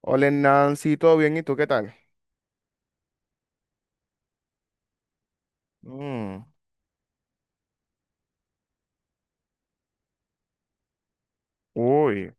Hola Nancy, ¿todo bien? ¿Y tú qué tal? Mm, uy,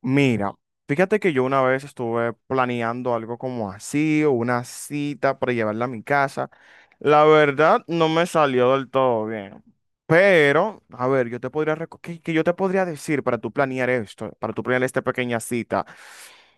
mira, fíjate que yo una vez estuve planeando algo como así, o una cita para llevarla a mi casa. La verdad, no me salió del todo bien. Pero, a ver, yo te podría, ¿qué yo te podría decir para tú planear esto, para tú planear esta pequeña cita?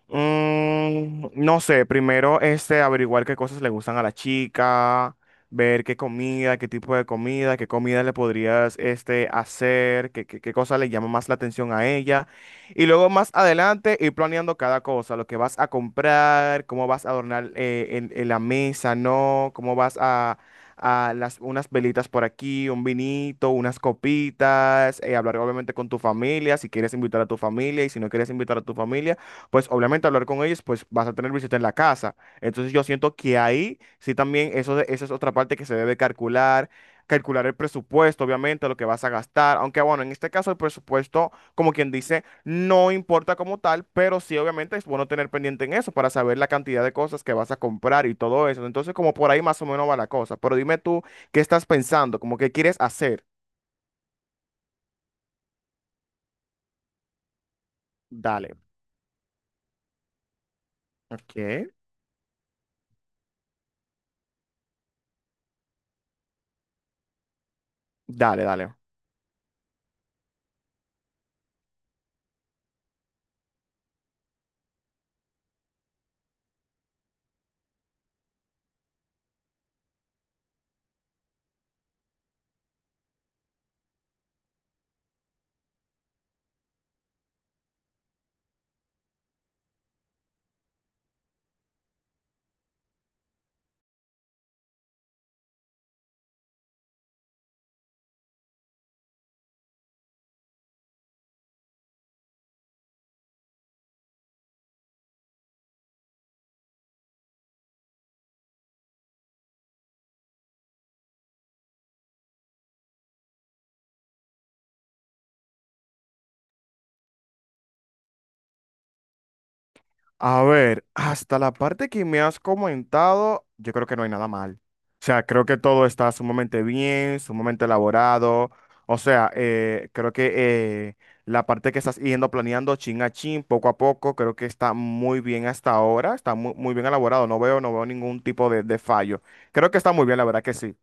No sé, primero este, averiguar qué cosas le gustan a la chica, ver qué comida, qué tipo de comida, qué comida le podrías este, hacer, qué cosa le llama más la atención a ella. Y luego más adelante ir planeando cada cosa, lo que vas a comprar, cómo vas a adornar en la mesa, ¿no? Cómo vas a las, unas velitas por aquí, un vinito, unas copitas, hablar obviamente con tu familia, si quieres invitar a tu familia y si no quieres invitar a tu familia, pues obviamente hablar con ellos, pues vas a tener visita en la casa. Entonces yo siento que ahí sí también eso, esa es otra parte que se debe calcular. Calcular el presupuesto, obviamente, lo que vas a gastar, aunque bueno, en este caso el presupuesto, como quien dice, no importa como tal, pero sí obviamente es bueno tener pendiente en eso para saber la cantidad de cosas que vas a comprar y todo eso. Entonces, como por ahí más o menos va la cosa. Pero dime tú, ¿qué estás pensando? ¿Como qué quieres hacer? Dale. Ok. Dale, dale. A ver, hasta la parte que me has comentado, yo creo que no hay nada mal. O sea, creo que todo está sumamente bien, sumamente elaborado. O sea, creo que eh, la parte que estás yendo planeando chin a chin, poco a poco, creo que está muy bien hasta ahora, está muy bien elaborado. No veo ningún tipo de fallo. Creo que está muy bien, la verdad que sí.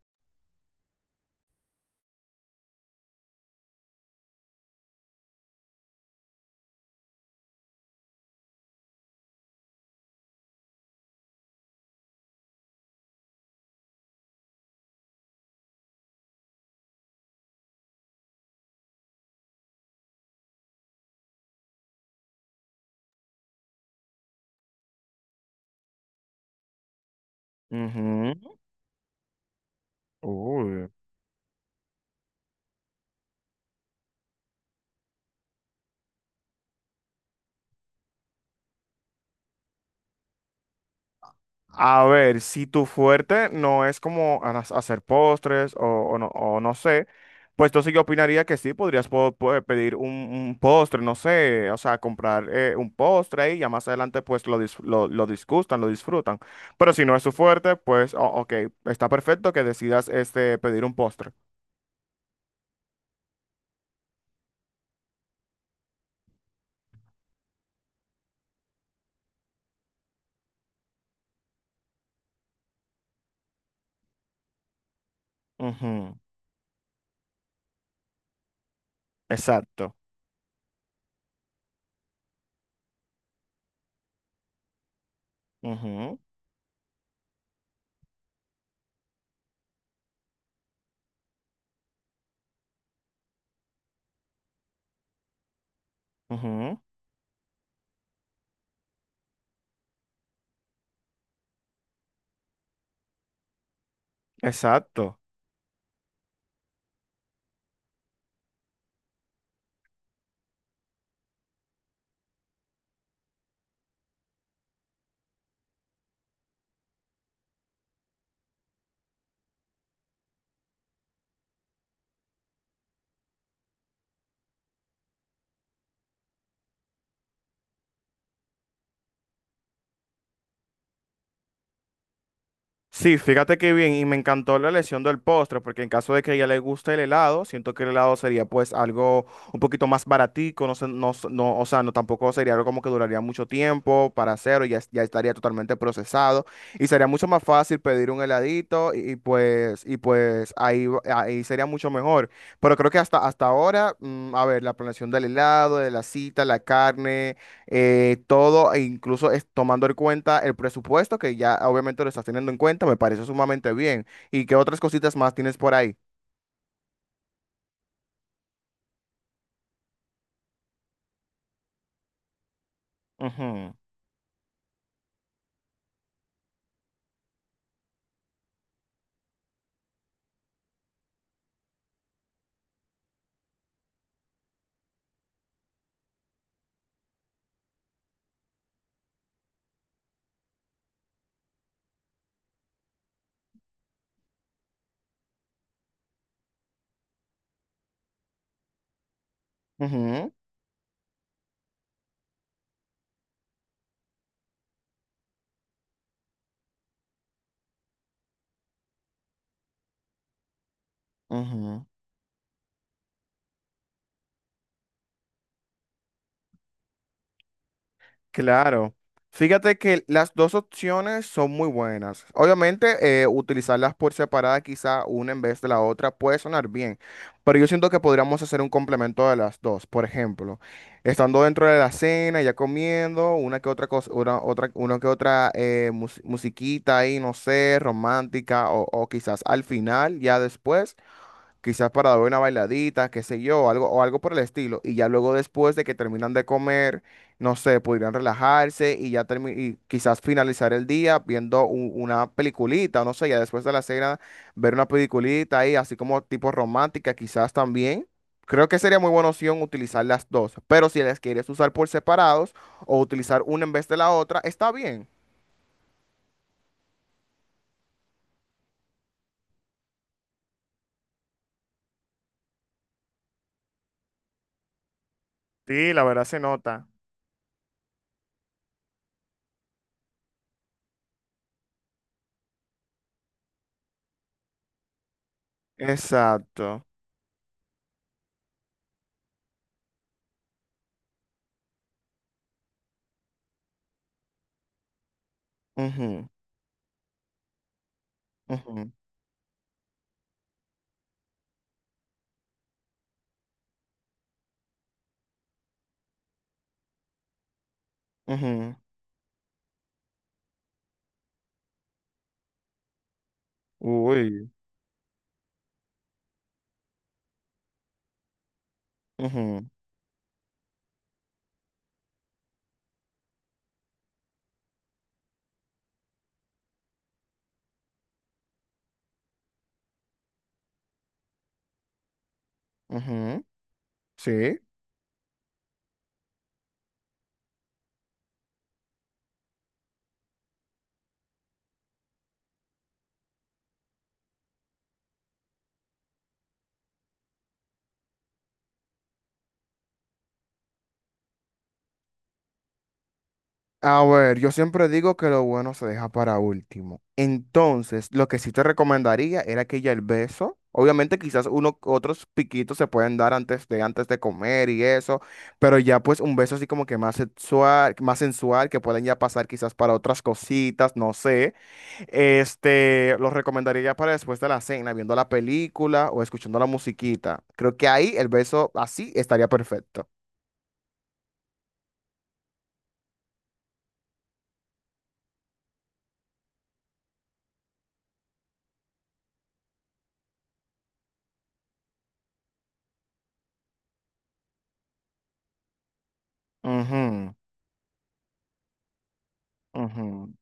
Ujú. Uy. A ver, si tu fuerte no es como hacer postres o no sé, pues entonces yo opinaría que sí, podrías pedir un postre, no sé, o sea, comprar un postre ahí, ya más adelante pues lo, lo disgustan, lo disfrutan. Pero si no es tu fuerte, pues ok, está perfecto que decidas este, pedir un postre. Ujú, exacto. Ujú, ujú, exacto. Sí, fíjate qué bien, y me encantó la elección del postre, porque en caso de que a ella le guste el helado, siento que el helado sería pues algo un poquito más baratico, no sé, no, o sea, no tampoco sería algo como que duraría mucho tiempo para hacerlo, ya, ya estaría totalmente procesado, y sería mucho más fácil pedir un heladito, y pues ahí, ahí sería mucho mejor. Pero creo que hasta ahora, mm, a ver, la planeación del helado, de la cita, la carne todo, e incluso es tomando en cuenta el presupuesto, que ya obviamente lo estás teniendo en cuenta, me parece sumamente bien. ¿Y qué otras cositas más tienes por ahí? Ujú, ujú, ujú. Claro. Fíjate que las dos opciones son muy buenas. Obviamente, utilizarlas por separada, quizá una en vez de la otra, puede sonar bien, pero yo siento que podríamos hacer un complemento de las dos. Por ejemplo, estando dentro de la cena, ya comiendo, una que otra cosa, una, otra, una que otra musiquita ahí, no sé, romántica, o quizás al final, ya después quizás para dar una bailadita, qué sé yo, algo, o algo por el estilo. Y ya luego después de que terminan de comer, no sé, podrían relajarse y ya y quizás finalizar el día viendo una peliculita, no sé, ya después de la cena, ver una peliculita ahí, así como tipo romántica, quizás también. Creo que sería muy buena opción utilizar las dos, pero si las quieres usar por separados o utilizar una en vez de la otra, está bien. Sí, la verdad se nota. Exacto. Ujú, ujú, ujú. Uy. Ujú. Ujú, sí. A ver, yo siempre digo que lo bueno se deja para último. Entonces, lo que sí te recomendaría era que ya el beso, obviamente quizás uno, otros piquitos se pueden dar antes de comer y eso, pero ya pues un beso así como que más sexual, más sensual, que pueden ya pasar quizás para otras cositas, no sé. Este, lo recomendaría ya para después de la cena, viendo la película o escuchando la musiquita. Creo que ahí el beso así estaría perfecto. Ujú, ujú.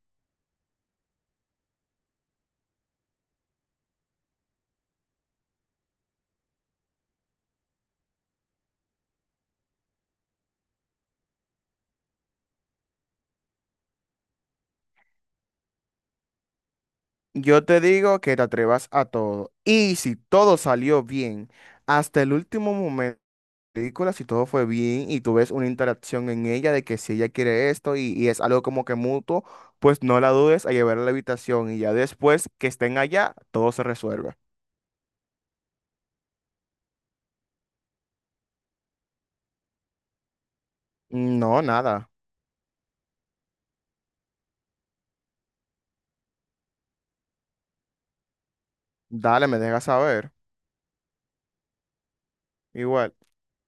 Yo te digo que te atrevas a todo. Y si todo salió bien, hasta el último momento de la película, si todo fue bien y tú ves una interacción en ella de que si ella quiere esto y es algo como que mutuo, pues no la dudes a llevarla a la habitación y ya después que estén allá, todo se resuelve. No, nada. Dale, me dejas saber. Igual.